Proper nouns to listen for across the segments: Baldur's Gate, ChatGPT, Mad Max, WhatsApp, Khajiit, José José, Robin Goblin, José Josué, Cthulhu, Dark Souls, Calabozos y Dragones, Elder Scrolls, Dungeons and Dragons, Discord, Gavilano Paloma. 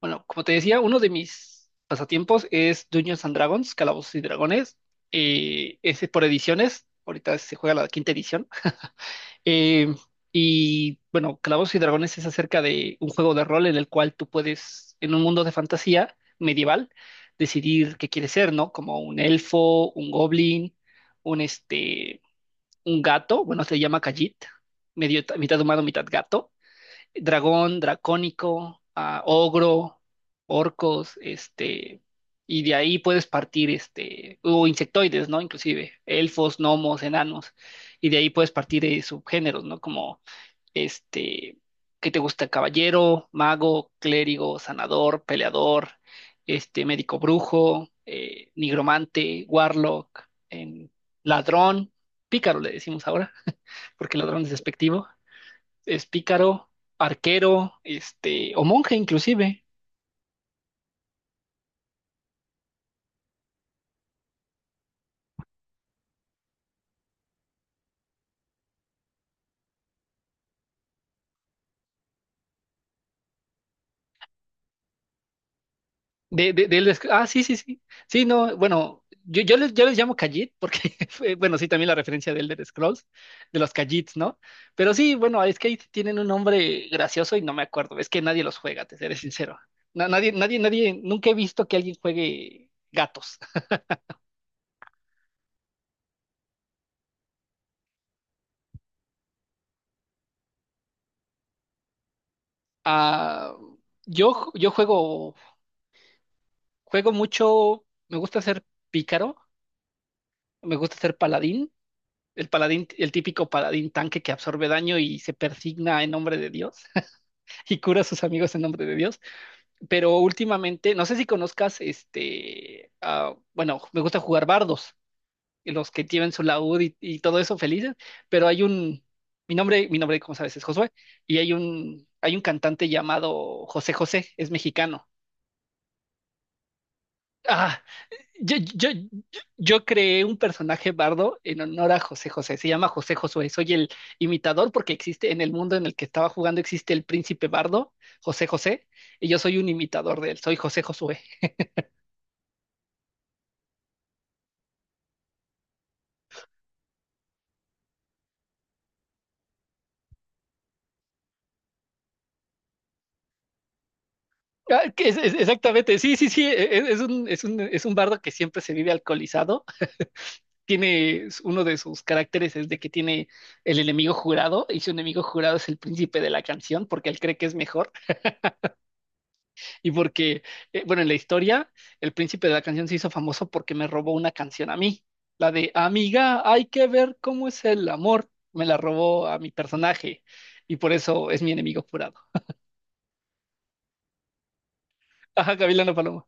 Bueno, como te decía, uno de mis pasatiempos es Dungeons and Dragons, Calabozos y Dragones. Ese por ediciones. Ahorita se juega la quinta edición. Eh, y bueno, Calabozos y Dragones es acerca de un juego de rol en el cual tú puedes, en un mundo de fantasía medieval, decidir qué quieres ser, ¿no? Como un elfo, un goblin, un este, un gato. Bueno, se llama Khajiit, medio mitad humano, mitad gato dragón, dracónico, ogro, orcos, y de ahí puedes partir, o insectoides, ¿no? Inclusive, elfos, gnomos, enanos, y de ahí puedes partir subgéneros, ¿no? Como, este, ¿qué te gusta? Caballero, mago, clérigo, sanador, peleador, médico brujo, nigromante, warlock, em, ladrón, pícaro le decimos ahora, porque ladrón es despectivo es pícaro, arquero, o monje inclusive. De él es- ah, Sí, sí, sí. Sí, no, bueno, yo les llamo Khajiit porque, bueno, sí, también la referencia de Elder Scrolls, de los Khajiits, ¿no? Pero sí, bueno, es que ahí tienen un nombre gracioso y no me acuerdo. Es que nadie los juega, te seré sincero. Nadie, nadie, nadie, nunca he visto que alguien juegue gatos. Ah, yo juego, juego mucho, me gusta ser pícaro, me gusta ser paladín. El paladín, el típico paladín tanque que absorbe daño y se persigna en nombre de Dios y cura a sus amigos en nombre de Dios. Pero últimamente, no sé si conozcas bueno, me gusta jugar bardos, los que tienen su laúd y todo eso felices, pero mi nombre, como sabes, es Josué, y hay un cantante llamado José José, es mexicano. Ah, yo creé un personaje bardo en honor a José José. Se llama José Josué. Soy el imitador porque existe en el mundo en el que estaba jugando, existe el príncipe bardo, José José, y yo soy un imitador de él. Soy José Josué. Exactamente. Sí, sí, sí. Es un bardo que siempre se vive alcoholizado. Tiene uno de sus caracteres es de que tiene el enemigo jurado y su enemigo jurado es el príncipe de la canción porque él cree que es mejor. Y porque, bueno, en la historia, el príncipe de la canción se hizo famoso porque me robó una canción a mí. La de Amiga, hay que ver cómo es el amor. Me la robó a mi personaje y por eso es mi enemigo jurado. Ajá, Gavilano Paloma.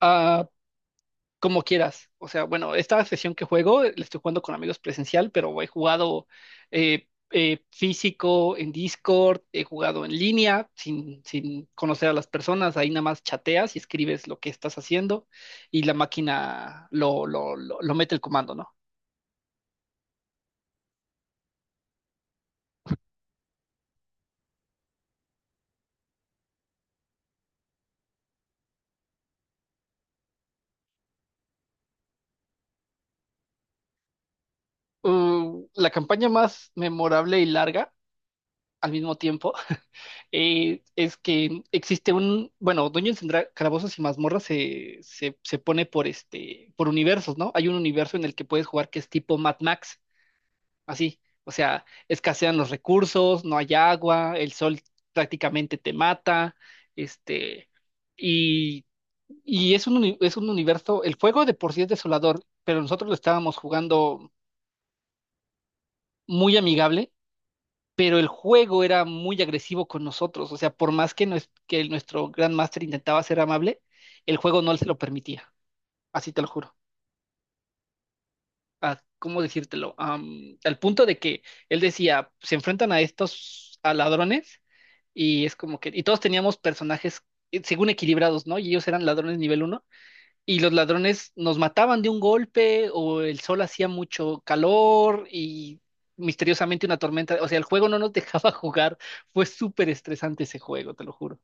Ah, Como quieras. O sea, bueno, esta sesión que juego, la estoy jugando con amigos presencial, pero he jugado físico en Discord, he jugado en línea, sin conocer a las personas, ahí nada más chateas y escribes lo que estás haciendo y la máquina lo mete el comando, ¿no? La campaña más memorable y larga al mismo tiempo es que existe bueno, Calabozos y Mazmorras se pone por universos, ¿no? Hay un universo en el que puedes jugar que es tipo Mad Max, así, o sea, escasean los recursos, no hay agua, el sol prácticamente te mata, este, y, y es un universo, el juego de por sí es desolador, pero nosotros lo estábamos jugando muy amigable pero el juego era muy agresivo con nosotros, o sea, por más que, nuestro Grandmaster intentaba ser amable, el juego no se lo permitía, así te lo juro. ¿Cómo decírtelo? Al punto de que él decía, se enfrentan a estos a ladrones y es como que, y todos teníamos personajes según equilibrados, ¿no? Y ellos eran ladrones nivel 1 y los ladrones nos mataban de un golpe o el sol hacía mucho calor y misteriosamente una tormenta. O sea, el juego no nos dejaba jugar. Fue súper estresante ese juego, te lo juro.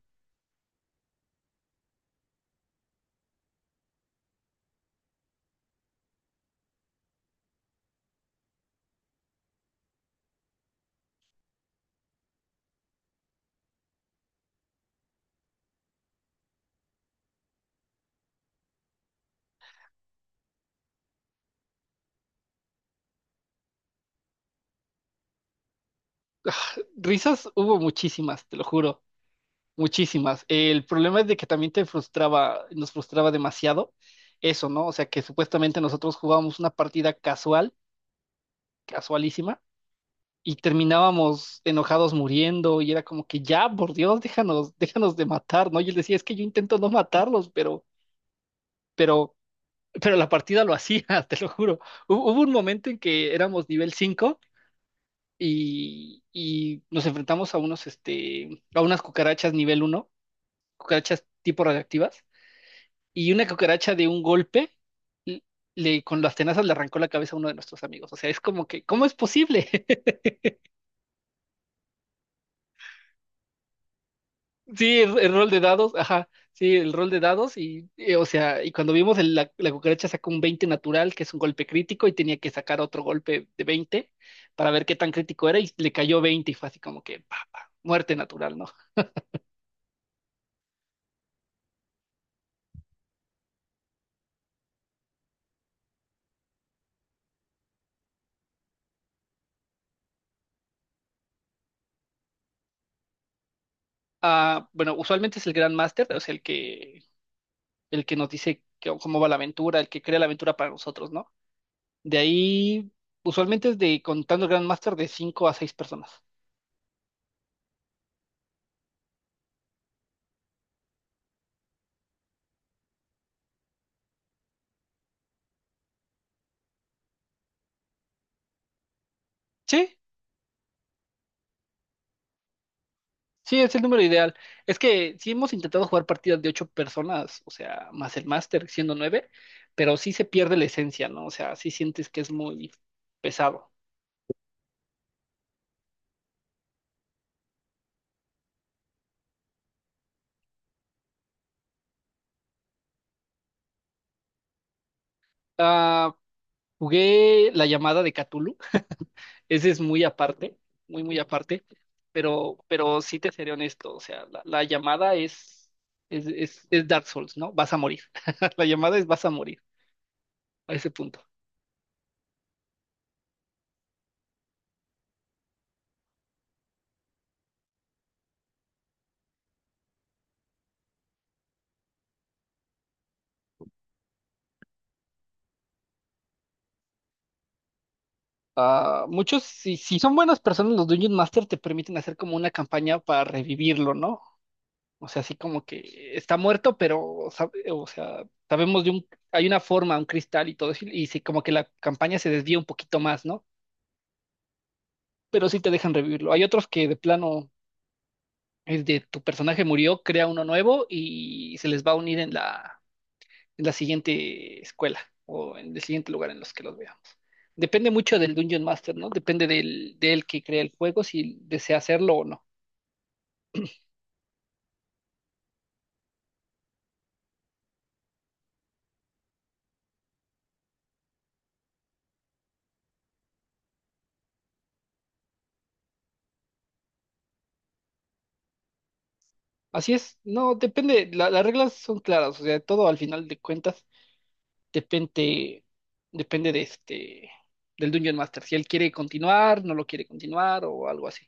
Risas hubo muchísimas, te lo juro, muchísimas. El problema es de que también te frustraba, nos frustraba demasiado eso, ¿no? O sea, que supuestamente nosotros jugábamos una partida casual, casualísima y terminábamos enojados muriendo y era como que ya, por Dios, déjanos, déjanos de matar, ¿no? Y él decía, es que yo intento no matarlos, pero, pero, la partida lo hacía, te lo juro. Hubo un momento en que éramos nivel 5 y nos enfrentamos a unas cucarachas nivel 1 cucarachas tipo radioactivas, y una cucaracha de un golpe. l- Le, con las tenazas le arrancó la cabeza a uno de nuestros amigos. O sea, es como que, ¿cómo es posible? Sí, el rol de dados, ajá, sí, el rol de dados y, o sea, y cuando vimos la cucaracha sacó un 20 natural, que es un golpe crítico, y tenía que sacar otro golpe de 20 para ver qué tan crítico era, y le cayó 20 y fue así como que, pa, pa, muerte natural, ¿no? Bueno, usualmente es el Grand Master, o sea, el que nos dice cómo va la aventura, el que crea la aventura para nosotros, ¿no? De ahí, usualmente es de, contando el Grand Master, de 5 a 6 personas. ¿Sí? Sí, es el número ideal. Es que sí hemos intentado jugar partidas de ocho personas, o sea, más el máster siendo nueve, pero sí se pierde la esencia, ¿no? O sea, sí sientes que es muy pesado. Ah, jugué la llamada de Cthulhu, ese es muy aparte, muy, muy aparte, pero sí te seré honesto, o sea, la llamada es Dark Souls, ¿no? Vas a morir. La llamada es vas a morir a ese punto. Muchos, si son buenas personas, los Dungeon Master te permiten hacer como una campaña para revivirlo, ¿no? O sea, así como que está muerto, pero, o sea, sabemos hay una forma, un cristal y todo eso, y sí, como que la campaña se desvía un poquito más, ¿no? Pero sí te dejan revivirlo. Hay otros que de plano es de tu personaje murió, crea uno nuevo y se les va a unir en la siguiente escuela o en el siguiente lugar en los que los veamos. Depende mucho del Dungeon Master, ¿no? Depende del que crea el juego, si desea hacerlo o no. Así es, no, depende, las reglas son claras, o sea, todo al final de cuentas depende, depende del Dungeon Master, si él quiere continuar, no lo quiere continuar o algo así.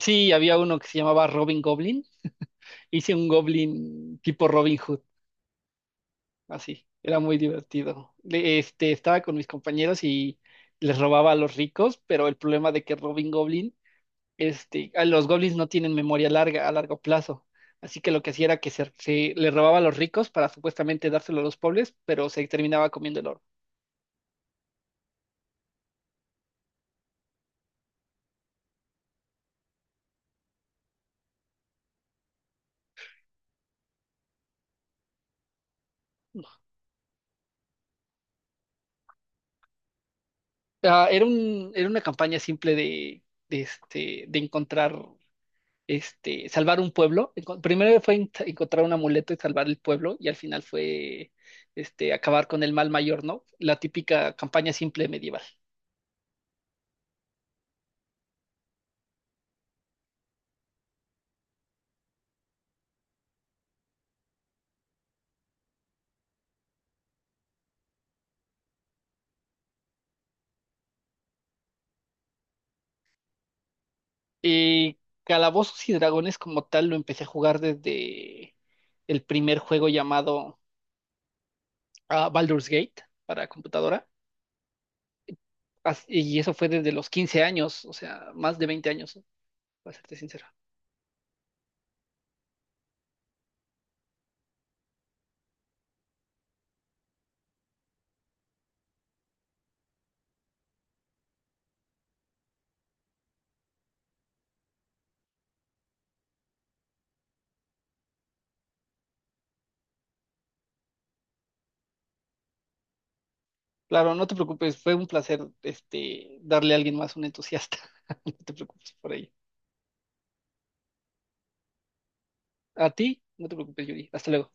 Sí, había uno que se llamaba Robin Goblin, hice un Goblin tipo Robin Hood así. Era muy divertido. Estaba con mis compañeros y les robaba a los ricos, pero el problema de que Robin Goblin, a los goblins no tienen memoria larga, a largo plazo. Así que lo que hacía era que se le robaba a los ricos para supuestamente dárselo a los pobres, pero se terminaba comiendo el oro. Era una campaña simple de encontrar salvar un pueblo. Primero fue encontrar un amuleto y salvar el pueblo, y al final fue acabar con el mal mayor, ¿no? La típica campaña simple medieval. Y Calabozos y Dragones como tal lo empecé a jugar desde el primer juego llamado Baldur's Gate para computadora. Y eso fue desde los 15 años, o sea, más de 20 años, ¿eh? Para serte sincero. Claro, no te preocupes, fue un placer darle a alguien más un entusiasta. No te preocupes por ello. A ti, no te preocupes, Yuri. Hasta luego.